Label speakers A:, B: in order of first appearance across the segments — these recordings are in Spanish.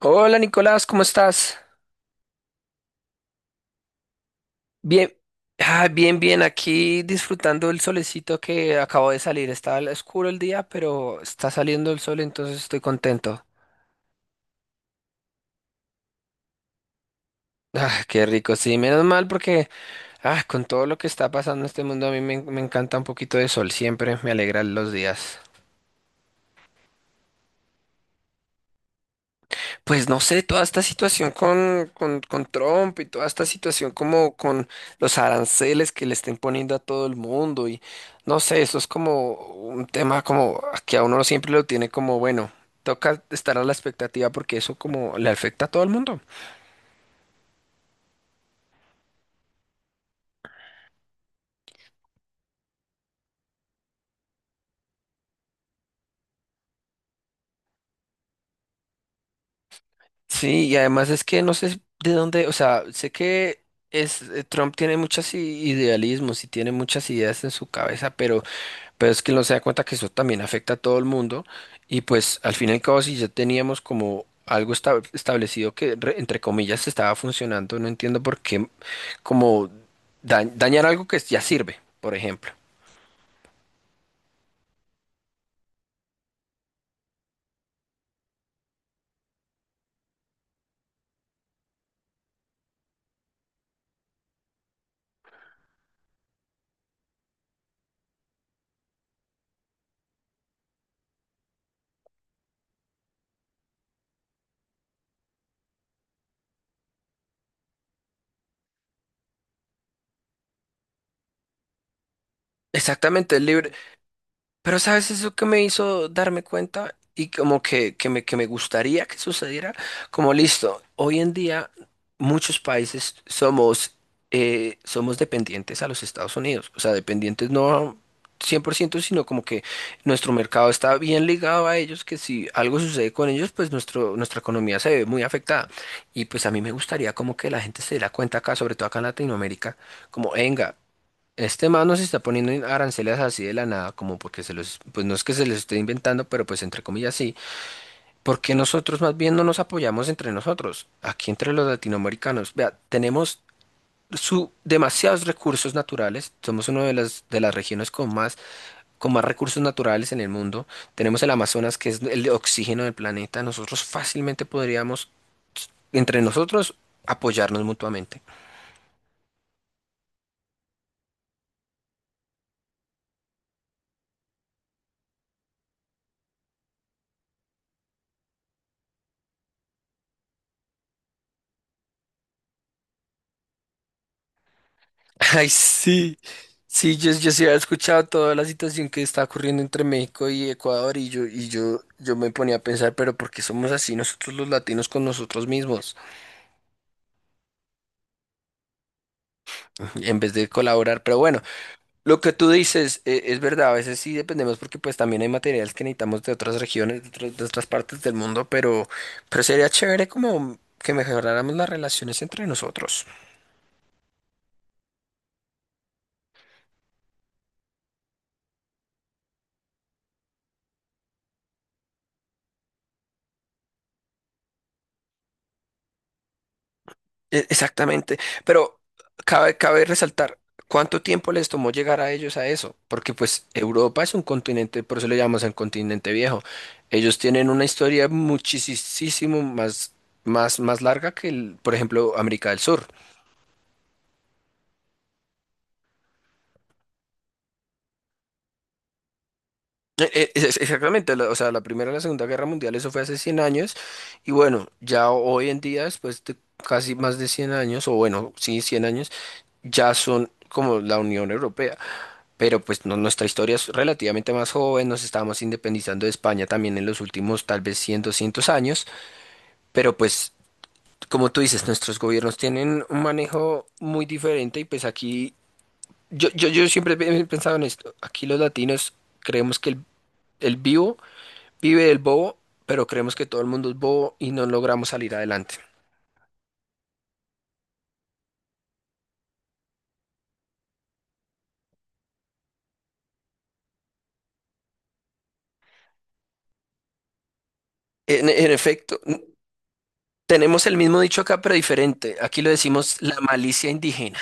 A: Hola Nicolás, ¿cómo estás? Bien, bien, aquí disfrutando el solecito que acabo de salir. Oscuro el día, pero está saliendo el sol, entonces estoy contento. Ah, qué rico, sí, menos mal porque con todo lo que está pasando en este mundo a me encanta un poquito de sol, siempre me alegran los días. Pues no sé, toda esta situación con Trump y toda esta situación como con los aranceles que le estén poniendo a todo el mundo y no sé, eso es como un tema como que a uno siempre lo tiene como, bueno, toca estar a la expectativa porque eso como le afecta a todo el mundo. Sí, y además es que no sé de dónde, o sea, sé que Trump tiene muchos idealismos y tiene muchas ideas en su cabeza, pero... Pero es que no se da cuenta que eso también afecta a todo el mundo y pues al fin y al cabo si ya teníamos como algo establecido que entre comillas estaba funcionando, no entiendo por qué como dañar algo que ya sirve, por ejemplo. Exactamente, el libre. Pero sabes eso que me hizo darme cuenta y como que, que me gustaría que sucediera, como listo, hoy en día muchos países somos, somos dependientes a los Estados Unidos, o sea, dependientes no 100% sino como que nuestro mercado está bien ligado a ellos, que si algo sucede con ellos, pues nuestra economía se ve muy afectada. Y pues a mí me gustaría como que la gente se diera cuenta acá, sobre todo acá en Latinoamérica, como, venga. Este man no se está poniendo aranceles así de la nada, como porque se los, pues no es que se les esté inventando, pero pues entre comillas sí, porque nosotros más bien no nos apoyamos entre nosotros, aquí entre los latinoamericanos. Vea, tenemos demasiados recursos naturales, somos una de de las regiones con más recursos naturales en el mundo, tenemos el Amazonas que es el oxígeno del planeta, nosotros fácilmente podríamos, entre nosotros, apoyarnos mutuamente. Ay, sí. Sí, yo sí había escuchado toda la situación que está ocurriendo entre México y Ecuador y yo me ponía a pensar, pero ¿por qué somos así nosotros los latinos con nosotros mismos en vez de colaborar? Pero bueno, lo que tú dices es verdad, a veces sí dependemos porque pues también hay materiales que necesitamos de otras regiones, de de otras partes del mundo, pero sería chévere como que mejoráramos las relaciones entre nosotros. Exactamente, pero cabe resaltar cuánto tiempo les tomó llegar a ellos a eso, porque pues Europa es un continente, por eso le llamamos el continente viejo. Ellos tienen una historia muchísimo más, más larga que, por ejemplo, América del Sur. Exactamente, o sea, la Primera y la Segunda Guerra Mundial, eso fue hace 100 años, y bueno, ya hoy en día, después de casi más de 100 años, o bueno, sí, 100 años, ya son como la Unión Europea, pero pues nuestra historia es relativamente más joven, nos estábamos independizando de España también en los últimos tal vez 100 200 años, pero pues como tú dices, nuestros gobiernos tienen un manejo muy diferente y pues aquí, yo siempre he pensado en esto, aquí los latinos creemos que el vivo vive el bobo, pero creemos que todo el mundo es bobo y no logramos salir adelante. En efecto, tenemos el mismo dicho acá, pero diferente. Aquí lo decimos la malicia indígena,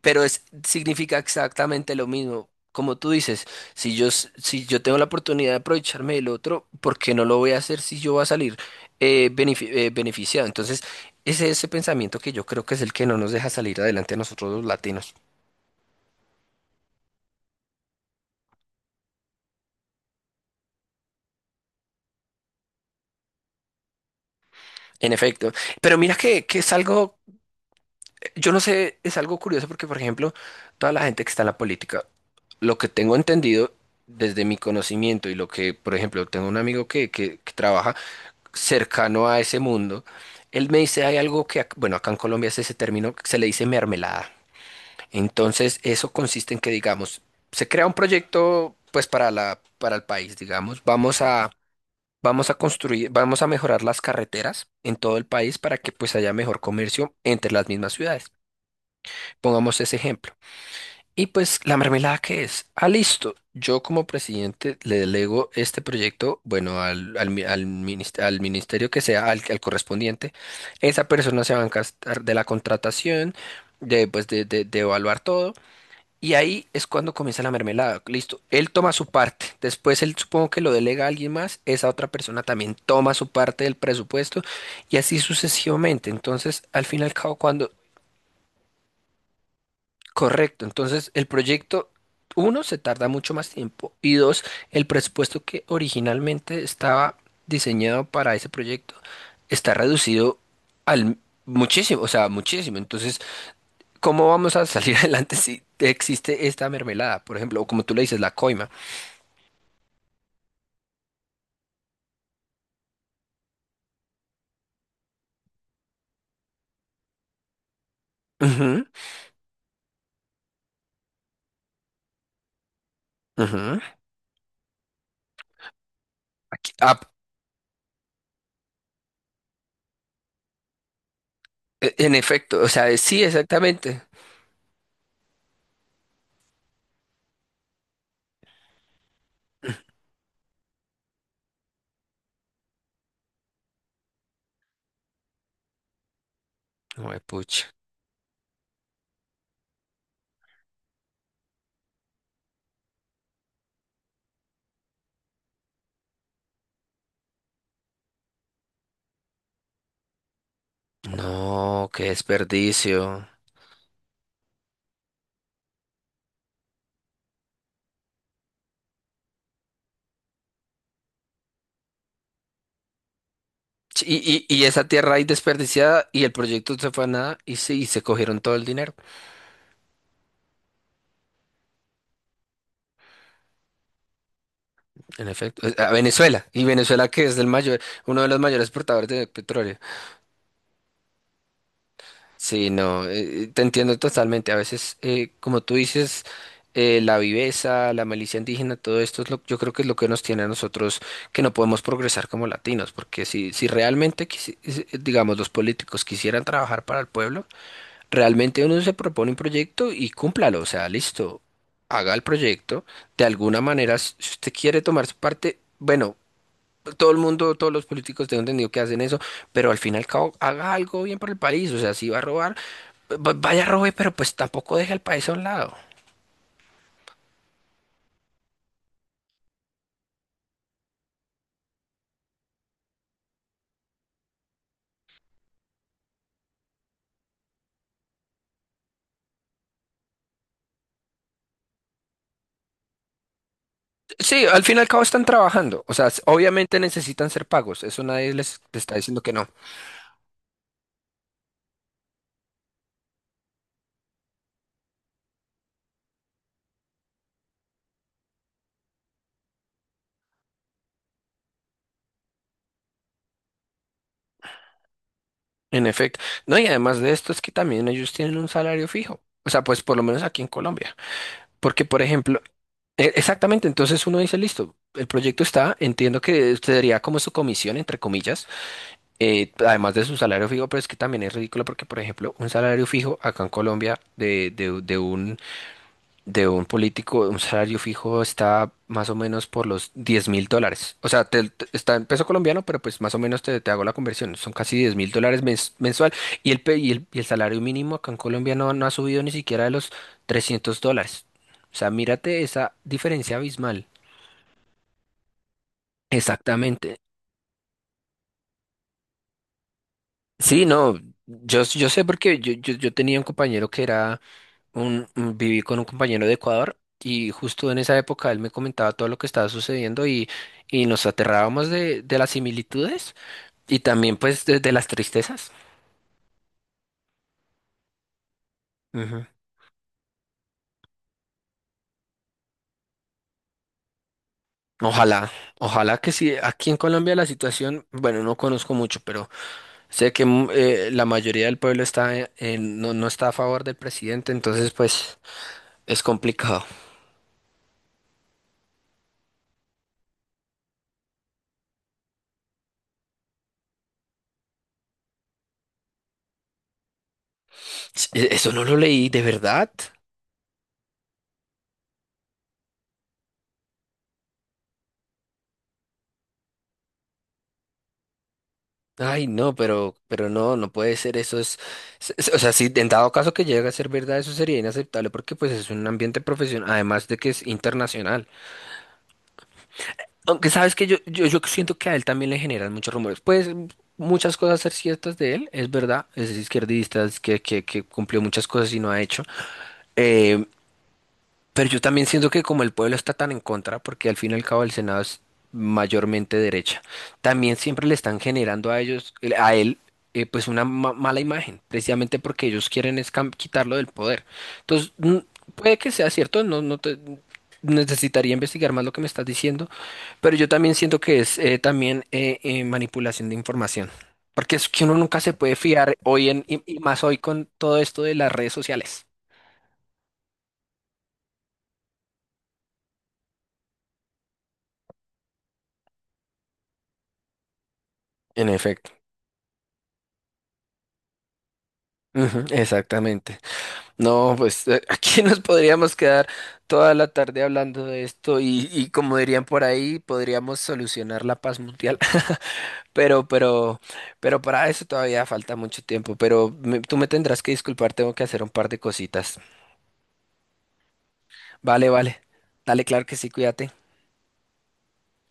A: pero es, significa exactamente lo mismo. Como tú dices, si yo tengo la oportunidad de aprovecharme del otro, ¿por qué no lo voy a hacer si yo voy a salir beneficiado? Entonces, ese es ese pensamiento que yo creo que es el que no nos deja salir adelante a nosotros los latinos. En efecto. Pero mira que es algo, yo no sé, es algo curioso porque, por ejemplo, toda la gente que está en la política, lo que tengo entendido desde mi conocimiento y lo que, por ejemplo, tengo un amigo que trabaja cercano a ese mundo, él me dice, hay algo que, bueno, acá en Colombia es ese término que se le dice mermelada. Entonces, eso consiste en que, digamos, se crea un proyecto, pues, para para el país, digamos, vamos a... Vamos a construir, vamos a mejorar las carreteras en todo el país para que pues haya mejor comercio entre las mismas ciudades. Pongamos ese ejemplo. Y pues la mermelada qué es, ah, listo, yo como presidente le delego este proyecto, bueno, al ministerio que sea, al correspondiente, esa persona se va a encargar de la contratación, de, pues, de evaluar todo, y ahí es cuando comienza la mermelada, listo, él toma su parte, después él supongo que lo delega a alguien más, esa otra persona también toma su parte del presupuesto, y así sucesivamente, entonces al fin y al cabo cuando... Correcto, entonces el proyecto, uno, se tarda mucho más tiempo y dos, el presupuesto que originalmente estaba diseñado para ese proyecto está reducido al muchísimo, o sea, muchísimo. Entonces, ¿cómo vamos a salir adelante si existe esta mermelada, por ejemplo, o como tú le dices, la coima? Ujú, ujú. Aquí- ah, en efecto, o sea, sí, exactamente. Juepucha. No, qué desperdicio. Sí, y, y esa tierra ahí desperdiciada y el proyecto se fue a nada y sí, y se cogieron todo el dinero, en efecto. A Venezuela. Y Venezuela que es el mayor, uno de los mayores exportadores de petróleo. Sí, no, te entiendo totalmente. A veces, como tú dices, la viveza, la malicia indígena, todo esto es lo, yo creo que es lo que nos tiene a nosotros que no podemos progresar como latinos, porque si, si realmente, digamos, los políticos quisieran trabajar para el pueblo, realmente uno se propone un proyecto y cúmplalo, o sea, listo, haga el proyecto. De alguna manera, si usted quiere tomar su parte, bueno, todo el mundo, todos los políticos tengo entendido que hacen eso, pero al fin y al cabo, haga algo bien por el país, o sea, si va a robar, vaya robe, pero pues tampoco deje al país a un lado. Sí, al fin y al cabo están trabajando, o sea, obviamente necesitan ser pagos, eso nadie les está diciendo que no. En efecto, no, y además de esto es que también ellos tienen un salario fijo, o sea, pues por lo menos aquí en Colombia. Porque, por ejemplo, exactamente, entonces uno dice, listo, el proyecto está, entiendo que usted daría como su comisión, entre comillas, además de su salario fijo, pero es que también es ridículo porque, por ejemplo, un salario fijo acá en Colombia de un político, un salario fijo está más o menos por los $10,000. O sea, está en peso colombiano, pero pues más o menos te hago la conversión, son casi $10,000 mensual y el, pe- y el salario mínimo acá en Colombia no ha subido ni siquiera de los $300. O sea, mírate esa diferencia abismal. Exactamente. Sí, no, yo sé porque yo tenía un compañero que era viví con un compañero de Ecuador y justo en esa época él me comentaba todo lo que estaba sucediendo y nos aterrábamos de las similitudes y también pues de las tristezas. Ujú. Ojalá, ojalá que sí. Aquí en Colombia la situación, bueno, no conozco mucho, pero sé que la mayoría del pueblo está no, no está a favor del presidente, entonces pues es complicado. Sí, eso no lo leí, ¿de verdad? Ay, no, pero no, no puede ser, eso es, o sea, si en dado caso que llegue a ser verdad, eso sería inaceptable porque pues es un ambiente profesional, además de que es internacional. Aunque sabes que yo siento que a él también le generan muchos rumores. Pues muchas cosas ser ciertas de él, es verdad, es izquierdista, es que cumplió muchas cosas y no ha hecho. Eh, Pero yo también siento que como el pueblo está tan en contra, porque al fin y al cabo el Senado es mayormente derecha, también siempre le están generando a ellos, a él, pues una mala imagen, precisamente porque ellos quieren es quitarlo del poder. Entonces, mm, puede que sea cierto, no, no te- necesitaría investigar más lo que me estás diciendo, pero yo también siento que es también manipulación de información, porque es que uno nunca se puede fiar hoy en, y más hoy con todo esto de las redes sociales. En efecto. Ujú, exactamente. No, pues aquí nos podríamos quedar toda la tarde hablando de esto y como dirían por ahí, podríamos solucionar la paz mundial. Pero, pero, pero para eso todavía falta mucho tiempo. Pero tú me tendrás que disculpar, tengo que hacer un par de cositas. Vale, vale. Dale, claro que sí, cuídate.